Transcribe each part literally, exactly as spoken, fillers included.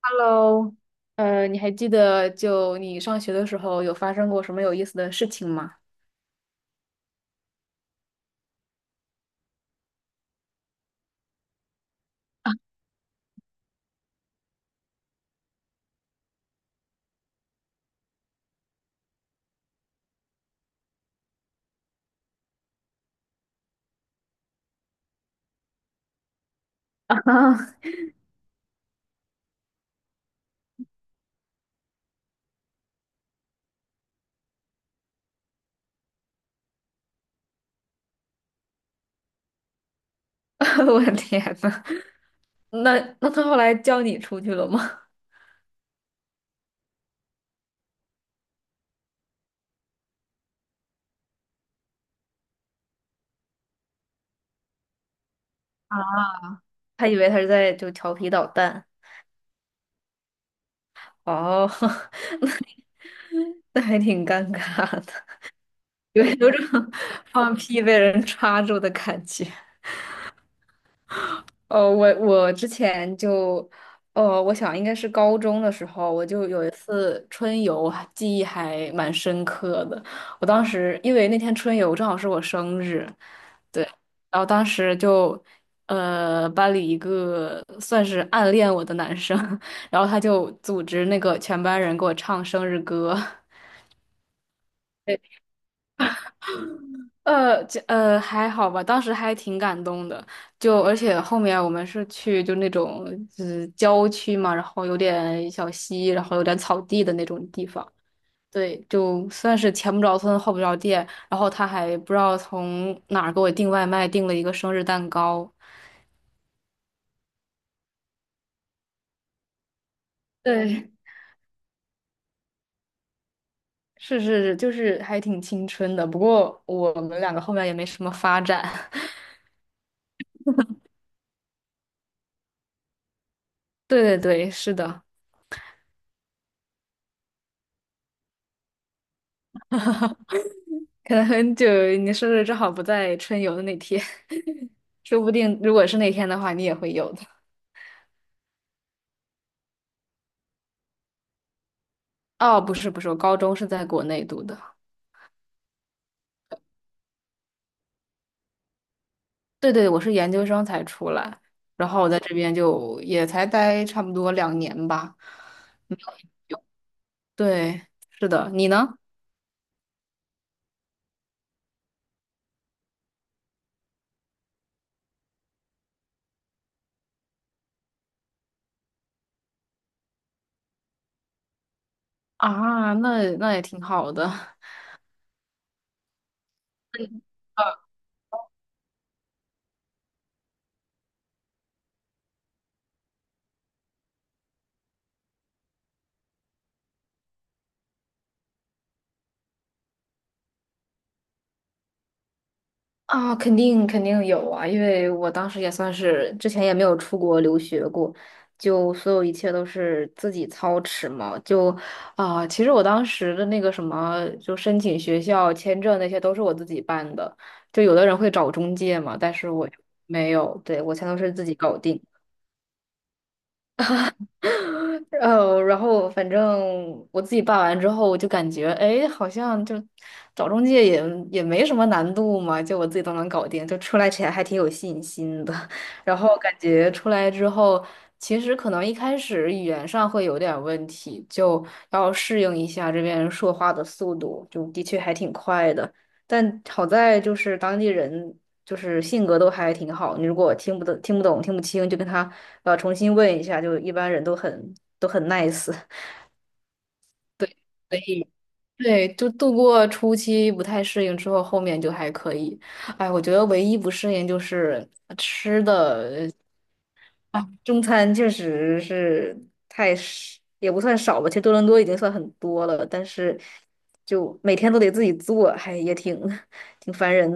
Hello，呃，你还记得就你上学的时候有发生过什么有意思的事情吗？啊 我的天呐，那那他后来叫你出去了吗？啊，他以为他是在就调皮捣蛋。哦，那那还挺尴尬的，有有种放屁被人抓住的感觉。哦，我我之前就，呃，我想应该是高中的时候，我就有一次春游，记忆还蛮深刻的。我当时因为那天春游正好是我生日，对，然后当时就，呃，班里一个算是暗恋我的男生，然后他就组织那个全班人给我唱生日歌。呃，就呃还好吧，当时还挺感动的。就而且后面我们是去就那种就是郊区嘛，然后有点小溪，然后有点草地的那种地方。对，就算是前不着村后不着店，然后他还不知道从哪儿给我订外卖，订了一个生日蛋糕。对 是是是，就是还挺青春的。不过我们两个后面也没什么发展。对对对，是的，可能很久你生日正好不在春游的那天。说不定如果是那天的话，你也会有的。哦，不是不是，我高中是在国内读的，对对，我是研究生才出来，然后我在这边就也才待差不多两年吧。嗯对，是的，你呢？啊，那那也挺好的。啊，肯定肯定有啊，因为我当时也算是之前也没有出国留学过，就所有一切都是自己操持嘛。就啊，其实我当时的那个什么，就申请学校、签证那些都是我自己办的。就有的人会找中介嘛，但是我没有，对，我全都是自己搞定。呃，然后反正我自己办完之后，我就感觉，哎，好像就找中介也也没什么难度嘛，就我自己都能搞定，就出来前还挺有信心的。然后感觉出来之后，其实可能一开始语言上会有点问题，就要适应一下这边说话的速度，就的确还挺快的。但好在就是当地人就是性格都还挺好，你如果听不懂、听不懂、听不清，就跟他呃重新问一下，就一般人都很都很 nice。对，所以对，就度过初期不太适应之后，后面就还可以。哎，我觉得唯一不适应就是吃的啊，中餐确实是太少，也不算少吧，其实多伦多已经算很多了，但是就每天都得自己做，还也挺 挺烦人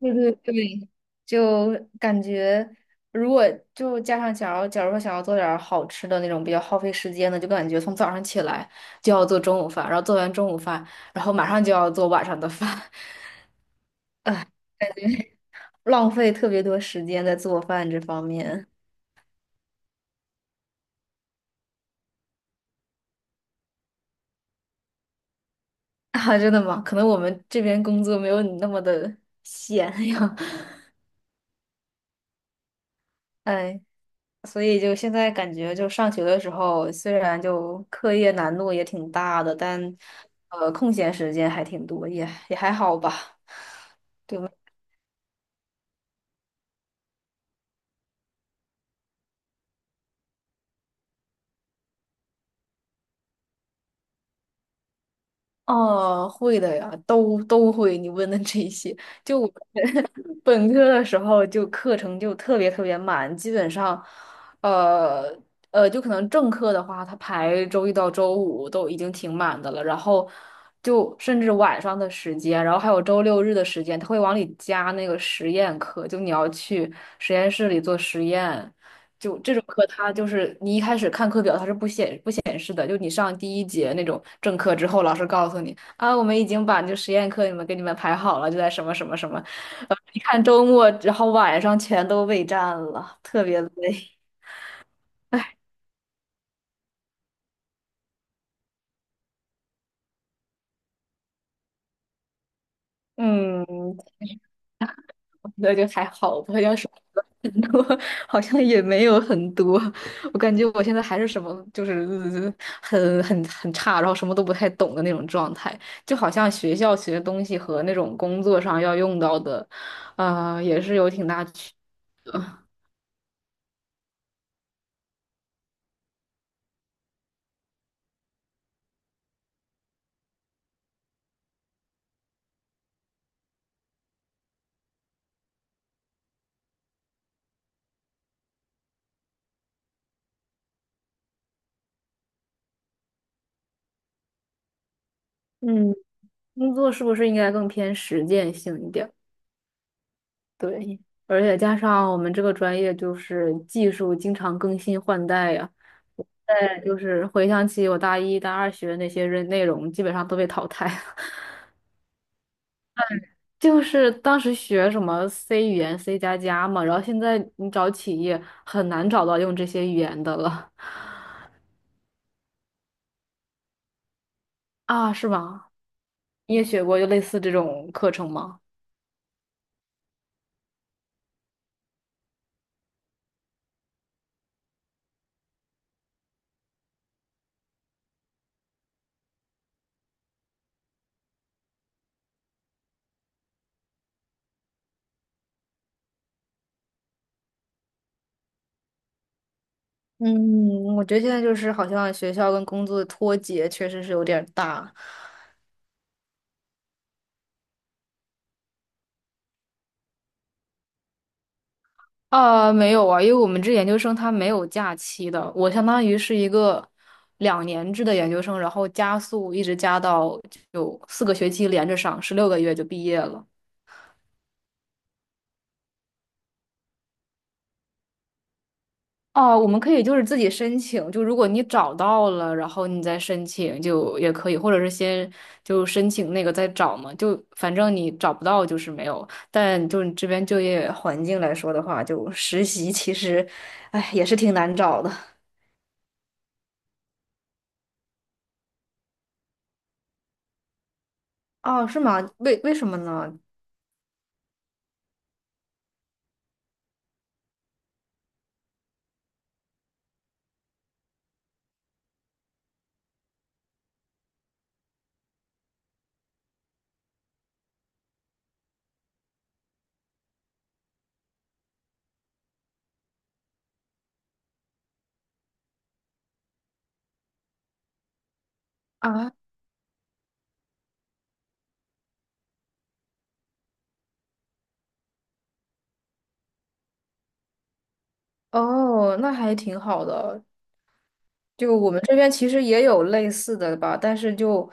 对对对，就感觉如果就加上假如假如说想要做点儿好吃的那种比较耗费时间的，就感觉从早上起来就要做中午饭，然后做完中午饭，然后马上就要做晚上的饭，哎，浪费特别多时间在做饭这方面 啊，真的吗？可能我们这边工作没有你那么的闲呀，哎，所以就现在感觉，就上学的时候，虽然就课业难度也挺大的，但呃，空闲时间还挺多，也也还好吧。对吗？哦，会的呀，都都会。你问的这些，就我本科的时候就课程就特别特别满，基本上，呃呃，就可能正课的话，它排周一到周五都已经挺满的了，然后就甚至晚上的时间，然后还有周六日的时间，他会往里加那个实验课，就你要去实验室里做实验，就这种课它就是你一开始看课表它是不显不显示的，就你上第一节那种正课之后，老师告诉你啊，我们已经把就实验课你们给你们排好了，就在什么什么什么。看周末，然后晚上全都备战了，特别累。嗯，那就还好吧。要是很多，好像也没有很多。我感觉我现在还是什么，就是呃 很很很差，然后什么都不太懂的那种状态。就好像学校学的东西和那种工作上要用到的，呃，也是有挺大区。嗯，工作是不是应该更偏实践性一点儿？对，而且加上我们这个专业就是技术经常更新换代呀，再就是回想起我大一、大二学的那些任内容，基本上都被淘汰了。就是当时学什么 C 语言、C 加加嘛，然后现在你找企业很难找到用这些语言的了啊，是吧？你也学过就类似这种课程吗？嗯，我觉得现在就是好像学校跟工作的脱节确实是有点儿大。啊，没有啊，因为我们这研究生他没有假期的，我相当于是一个两年制的研究生，然后加速一直加到有四个学期连着上，十六个月就毕业了。哦，我们可以就是自己申请，就如果你找到了，然后你再申请就也可以，或者是先就申请那个再找嘛，就反正你找不到就是没有。但就你这边就业环境来说的话，就实习其实，哎，也是挺难找的。哦，是吗？为为什么呢？啊，哦，那还挺好的。就我们这边其实也有类似的吧，但是就，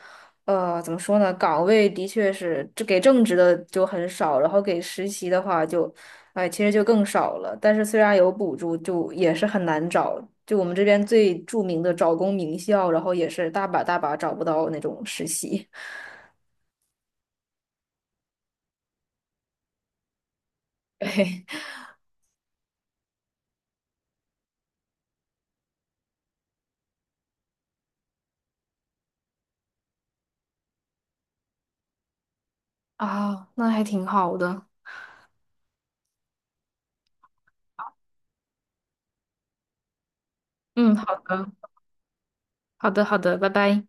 呃，怎么说呢？岗位的确是，这给正职的就很少，然后给实习的话就，哎，其实就更少了。但是虽然有补助，就也是很难找。就我们这边最著名的招工名校，然后也是大把大把找不到那种实习。对，啊，那还挺好的。嗯，好的，好的，好的，拜拜。